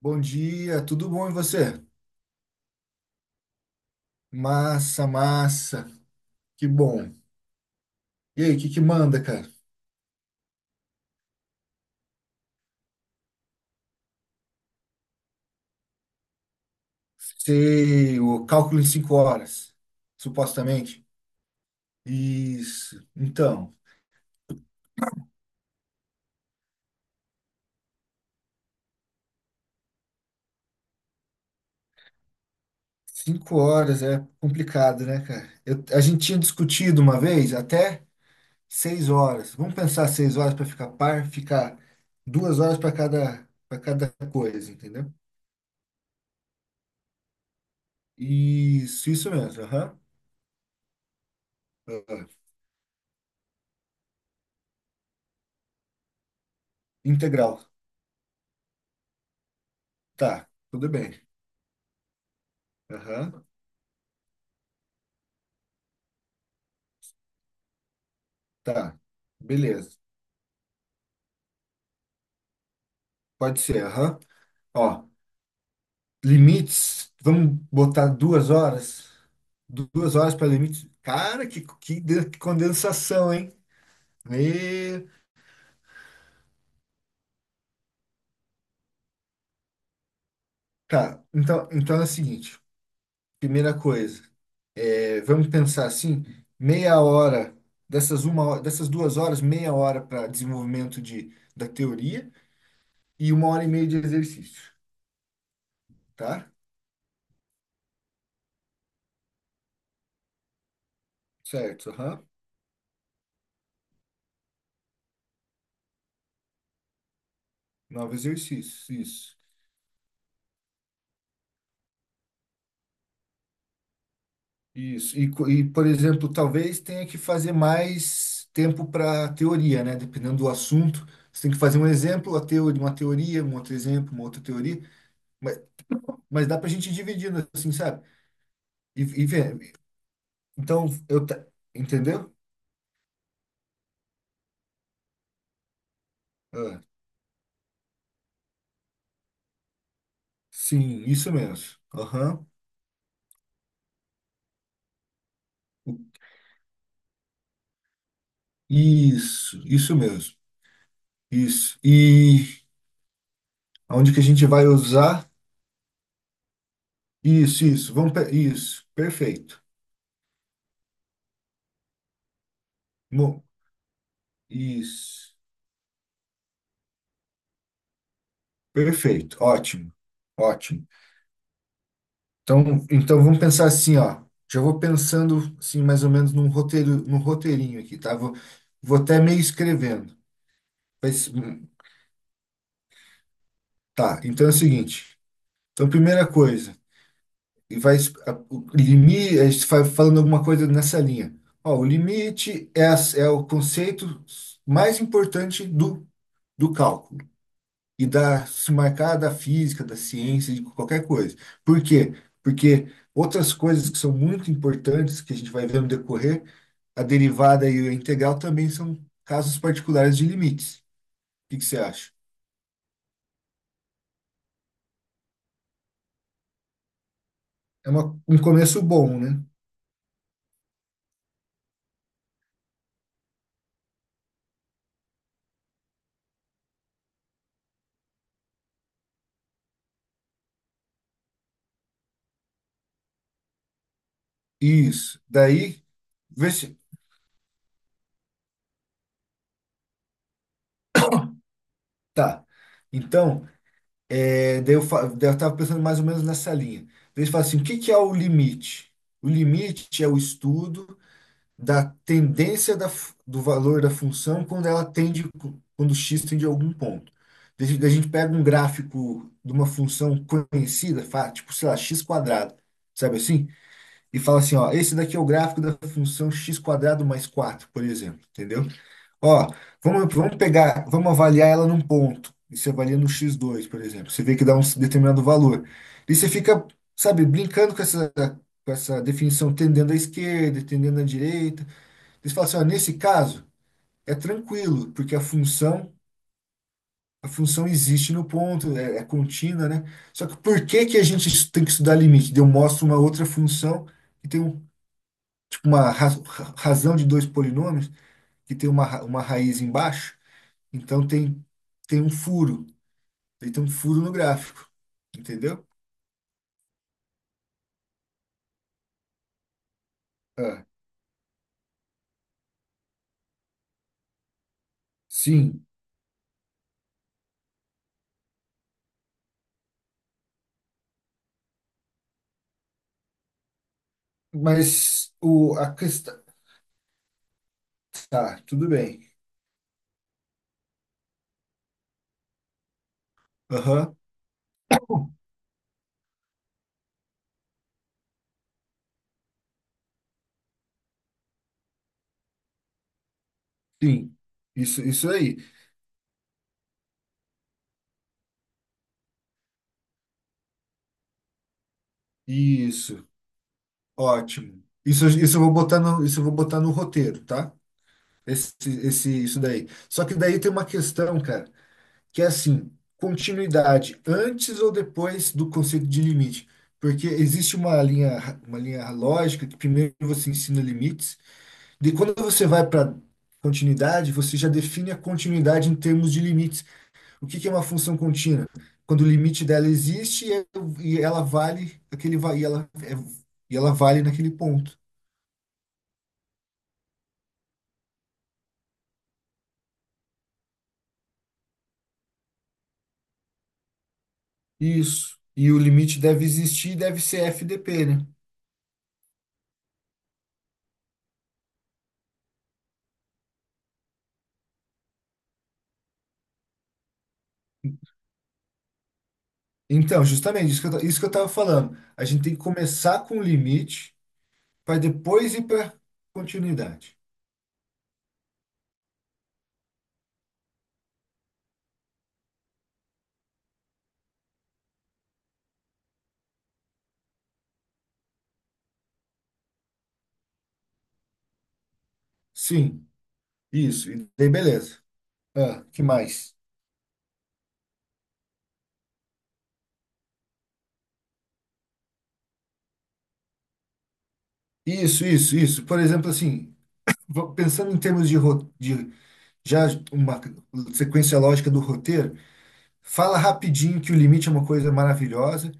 Bom dia, tudo bom e você? Massa, massa, que bom. E aí, o que que manda, cara? Sei, o cálculo em 5 horas, supostamente. Isso. Então, 5 horas é complicado, né, cara? A gente tinha discutido uma vez até 6 horas. Vamos pensar 6 horas para ficar par, ficar 2 horas para cada coisa, entendeu? Isso mesmo. Aham. Ah, Integral. Tá, tudo bem. Aham. Tá, beleza. Pode ser, aham. Ó, limites, vamos botar 2 horas. Duas horas para limites. Cara, que condensação, hein? E... Tá, então, é o seguinte. Primeira coisa, vamos pensar assim, meia hora, dessas 2 horas, meia hora para desenvolvimento da teoria e 1 hora e meia de exercício, tá? Certo, aham. Nove exercícios, isso. Isso. E, por exemplo, talvez tenha que fazer mais tempo para teoria, né? Dependendo do assunto. Você tem que fazer um exemplo, a teoria, uma teoria, um outro exemplo, uma outra teoria. Mas, mas dá para a gente ir dividindo, assim, sabe? E ver. Então, eu. ta- Entendeu? Ah, sim, isso mesmo. Aham. Isso mesmo. Isso. E aonde que a gente vai usar? Isso, isso. Vamos, isso. Perfeito. Bom, isso. Perfeito, ótimo, ótimo. Então, vamos pensar assim, ó. Já vou pensando assim, mais ou menos num roteiro, num roteirinho aqui, tá? Vou até meio escrevendo. Mas, tá, então é o seguinte. Então, primeira coisa, o limite, a gente vai falando alguma coisa nessa linha. Ó, o limite é o conceito mais importante do cálculo. E da se marcar da física, da ciência, de qualquer coisa. Por quê? Porque outras coisas que são muito importantes, que a gente vai ver no decorrer, a derivada e a integral também são casos particulares de limites. O que que você acha? É um começo bom, né? Isso. Daí, vê se. Tá. Então, daí eu estava pensando mais ou menos nessa linha. Daí você fala assim: o que que é o limite? O limite é o estudo da tendência do valor da função quando x tende a algum ponto. Daí a gente pega um gráfico de uma função conhecida, tipo, sei lá, x quadrado, sabe assim? E fala assim, ó, esse daqui é o gráfico da função x quadrado mais 4, por exemplo, entendeu? Ó, vamos avaliar ela num ponto. E você avalia no x dois, por exemplo. Você vê que dá um determinado valor. E você fica, sabe, brincando com essa definição, tendendo à esquerda, tendendo à direita. Eles falam assim, ó, nesse caso é tranquilo, porque a função existe no ponto, é contínua, né? Só que por que que a gente tem que estudar limite? Eu mostro uma outra função que tem um, tipo uma razão de dois polinômios que tem uma raiz embaixo, então tem um furo, ele tem um furo no gráfico, entendeu? Ah, sim, mas o a questão tá, tudo bem. Aham. Sim, isso aí. Isso. Ótimo. Isso eu vou botar no, isso eu vou botar no roteiro, tá? Esse, esse, isso daí. Só que daí tem uma questão, cara, que é assim, continuidade antes ou depois do conceito de limite. Porque existe uma linha lógica que primeiro você ensina limites, de quando você vai para continuidade, você já define a continuidade em termos de limites. O que que é uma função contínua? Quando o limite dela existe e ela vale aquele va- e ela, é, e ela vale naquele ponto. Isso. E o limite deve existir e deve ser FDP, né? Então, justamente, isso que eu estava falando. A gente tem que começar com o limite para depois ir para continuidade. Sim, isso. E daí, beleza. Ah, que mais? Isso, isso, isso. Por exemplo, assim, pensando em termos de já uma sequência lógica do roteiro, fala rapidinho que o limite é uma coisa maravilhosa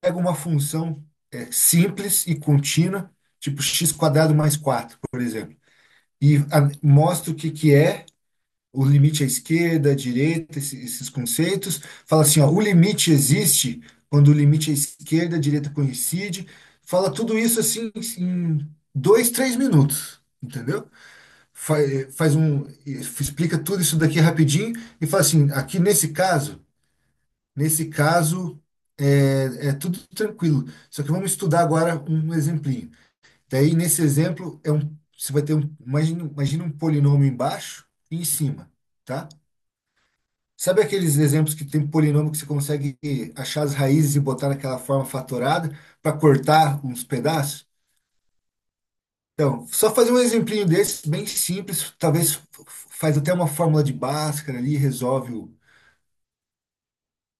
pega uma função simples e contínua, tipo x quadrado mais 4 por exemplo, e mostra o que, que é o limite à esquerda, à direita, esses conceitos. Fala assim, ó, o limite existe quando o limite à esquerda, à direita coincide. Fala tudo isso assim em 2, 3 minutos, entendeu? Explica tudo isso daqui rapidinho e fala assim, Nesse caso, é tudo tranquilo. Só que vamos estudar agora um exemplinho. Daí, nesse exemplo, você vai ter um, imagina um polinômio embaixo e em cima, tá? Sabe aqueles exemplos que tem polinômio que você consegue achar as raízes e botar naquela forma fatorada para cortar uns pedaços? Então, só fazer um exemplinho desse, bem simples, talvez faz até uma fórmula de Bhaskara ali, resolve o.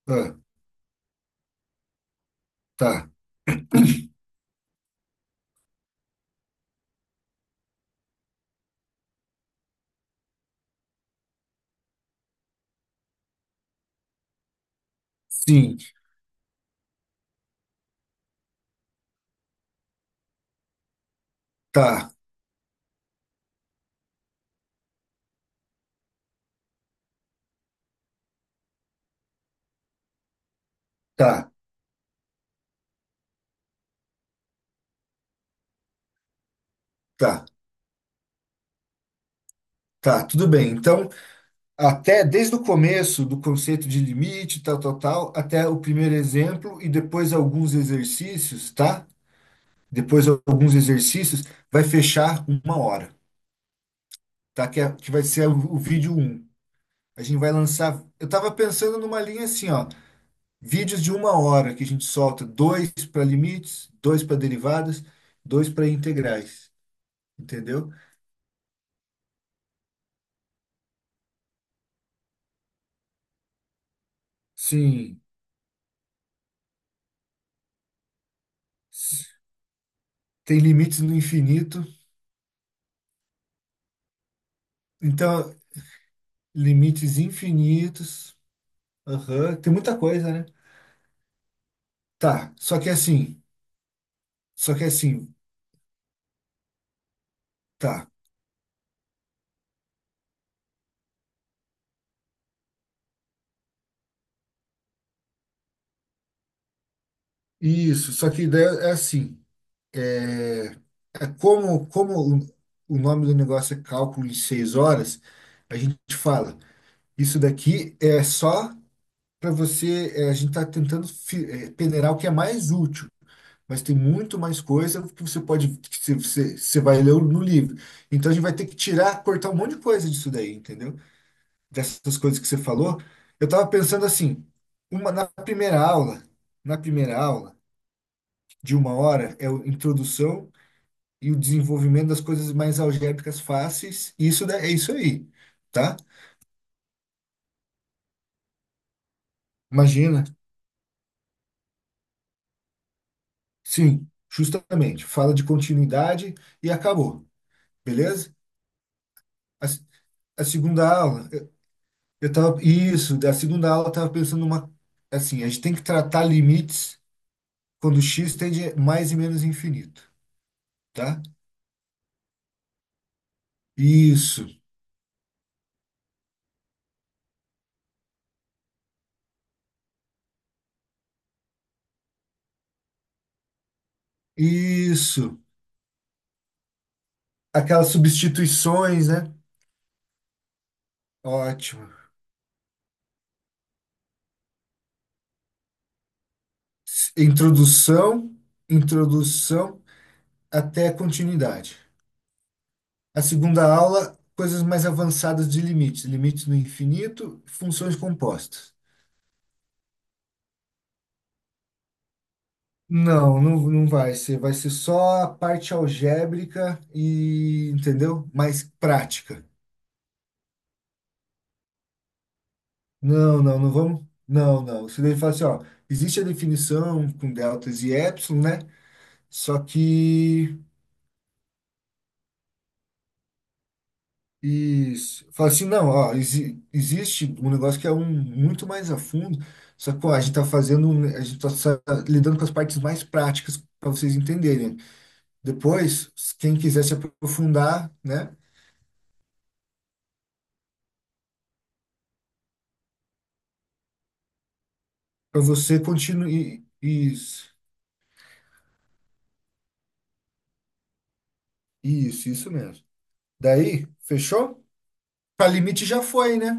Ah, tá. Sim, tá, tá, tá. Tá, tudo bem. Então, até desde o começo do conceito de limite, tal, tal, tal, até o primeiro exemplo e depois alguns exercícios, tá? Depois alguns exercícios, vai fechar 1 hora, tá? Que vai ser o vídeo um. A gente vai lançar. Eu tava pensando numa linha assim, ó. Vídeos de 1 hora que a gente solta dois para limites, dois para derivadas, dois para integrais. Entendeu? Sim. Tem limites no infinito. Então, Limites infinitos. Aham. Tem muita coisa, né? Tá. Só que é assim. Só que é assim. Tá. Isso. Só que daí é assim. É, é como o nome do negócio é cálculo de 6 horas, a gente fala. Isso daqui é só para você. A gente está tentando peneirar o que é mais útil. Mas tem muito mais coisa que você pode, que você, você você vai ler no livro. Então a gente vai ter que tirar, cortar um monte de coisa disso daí, entendeu? Dessas coisas que você falou, eu estava pensando assim, uma, na primeira aula, na primeira aula de 1 hora é a introdução e o desenvolvimento das coisas mais algébricas fáceis, e é isso aí, tá? Imagina, sim, justamente, fala de continuidade e acabou, beleza? A, s- a segunda aula, eu tava, isso, da segunda aula eu estava pensando assim, a gente tem que tratar limites quando x tende a mais e menos infinito, tá? Isso. Isso. Aquelas substituições, né? Ótimo. S- Introdução, introdução até continuidade. A segunda aula, coisas mais avançadas de limites, limites do infinito, funções compostas. Não, não, não vai ser. Vai ser só a parte algébrica entendeu? Mais prática. Não, não, não vamos. Não, não. Você deve falar assim, ó, existe a definição com deltas e epsilon, né? Só que Isso. Fala assim, não, ó, existe um negócio que é um muito mais a fundo, só que, ó, a gente tá fazendo, um- a gente tá sa- lidando com as partes mais práticas para vocês entenderem. Depois, se quem quiser se aprofundar, né, para você continuar. Isso, isso mesmo. Daí, fechou? Para limite já foi, né?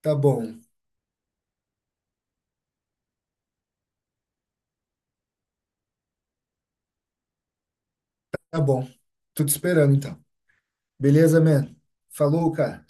Tá bom, tá bom. Tô te esperando então. Beleza, man? Falou, cara.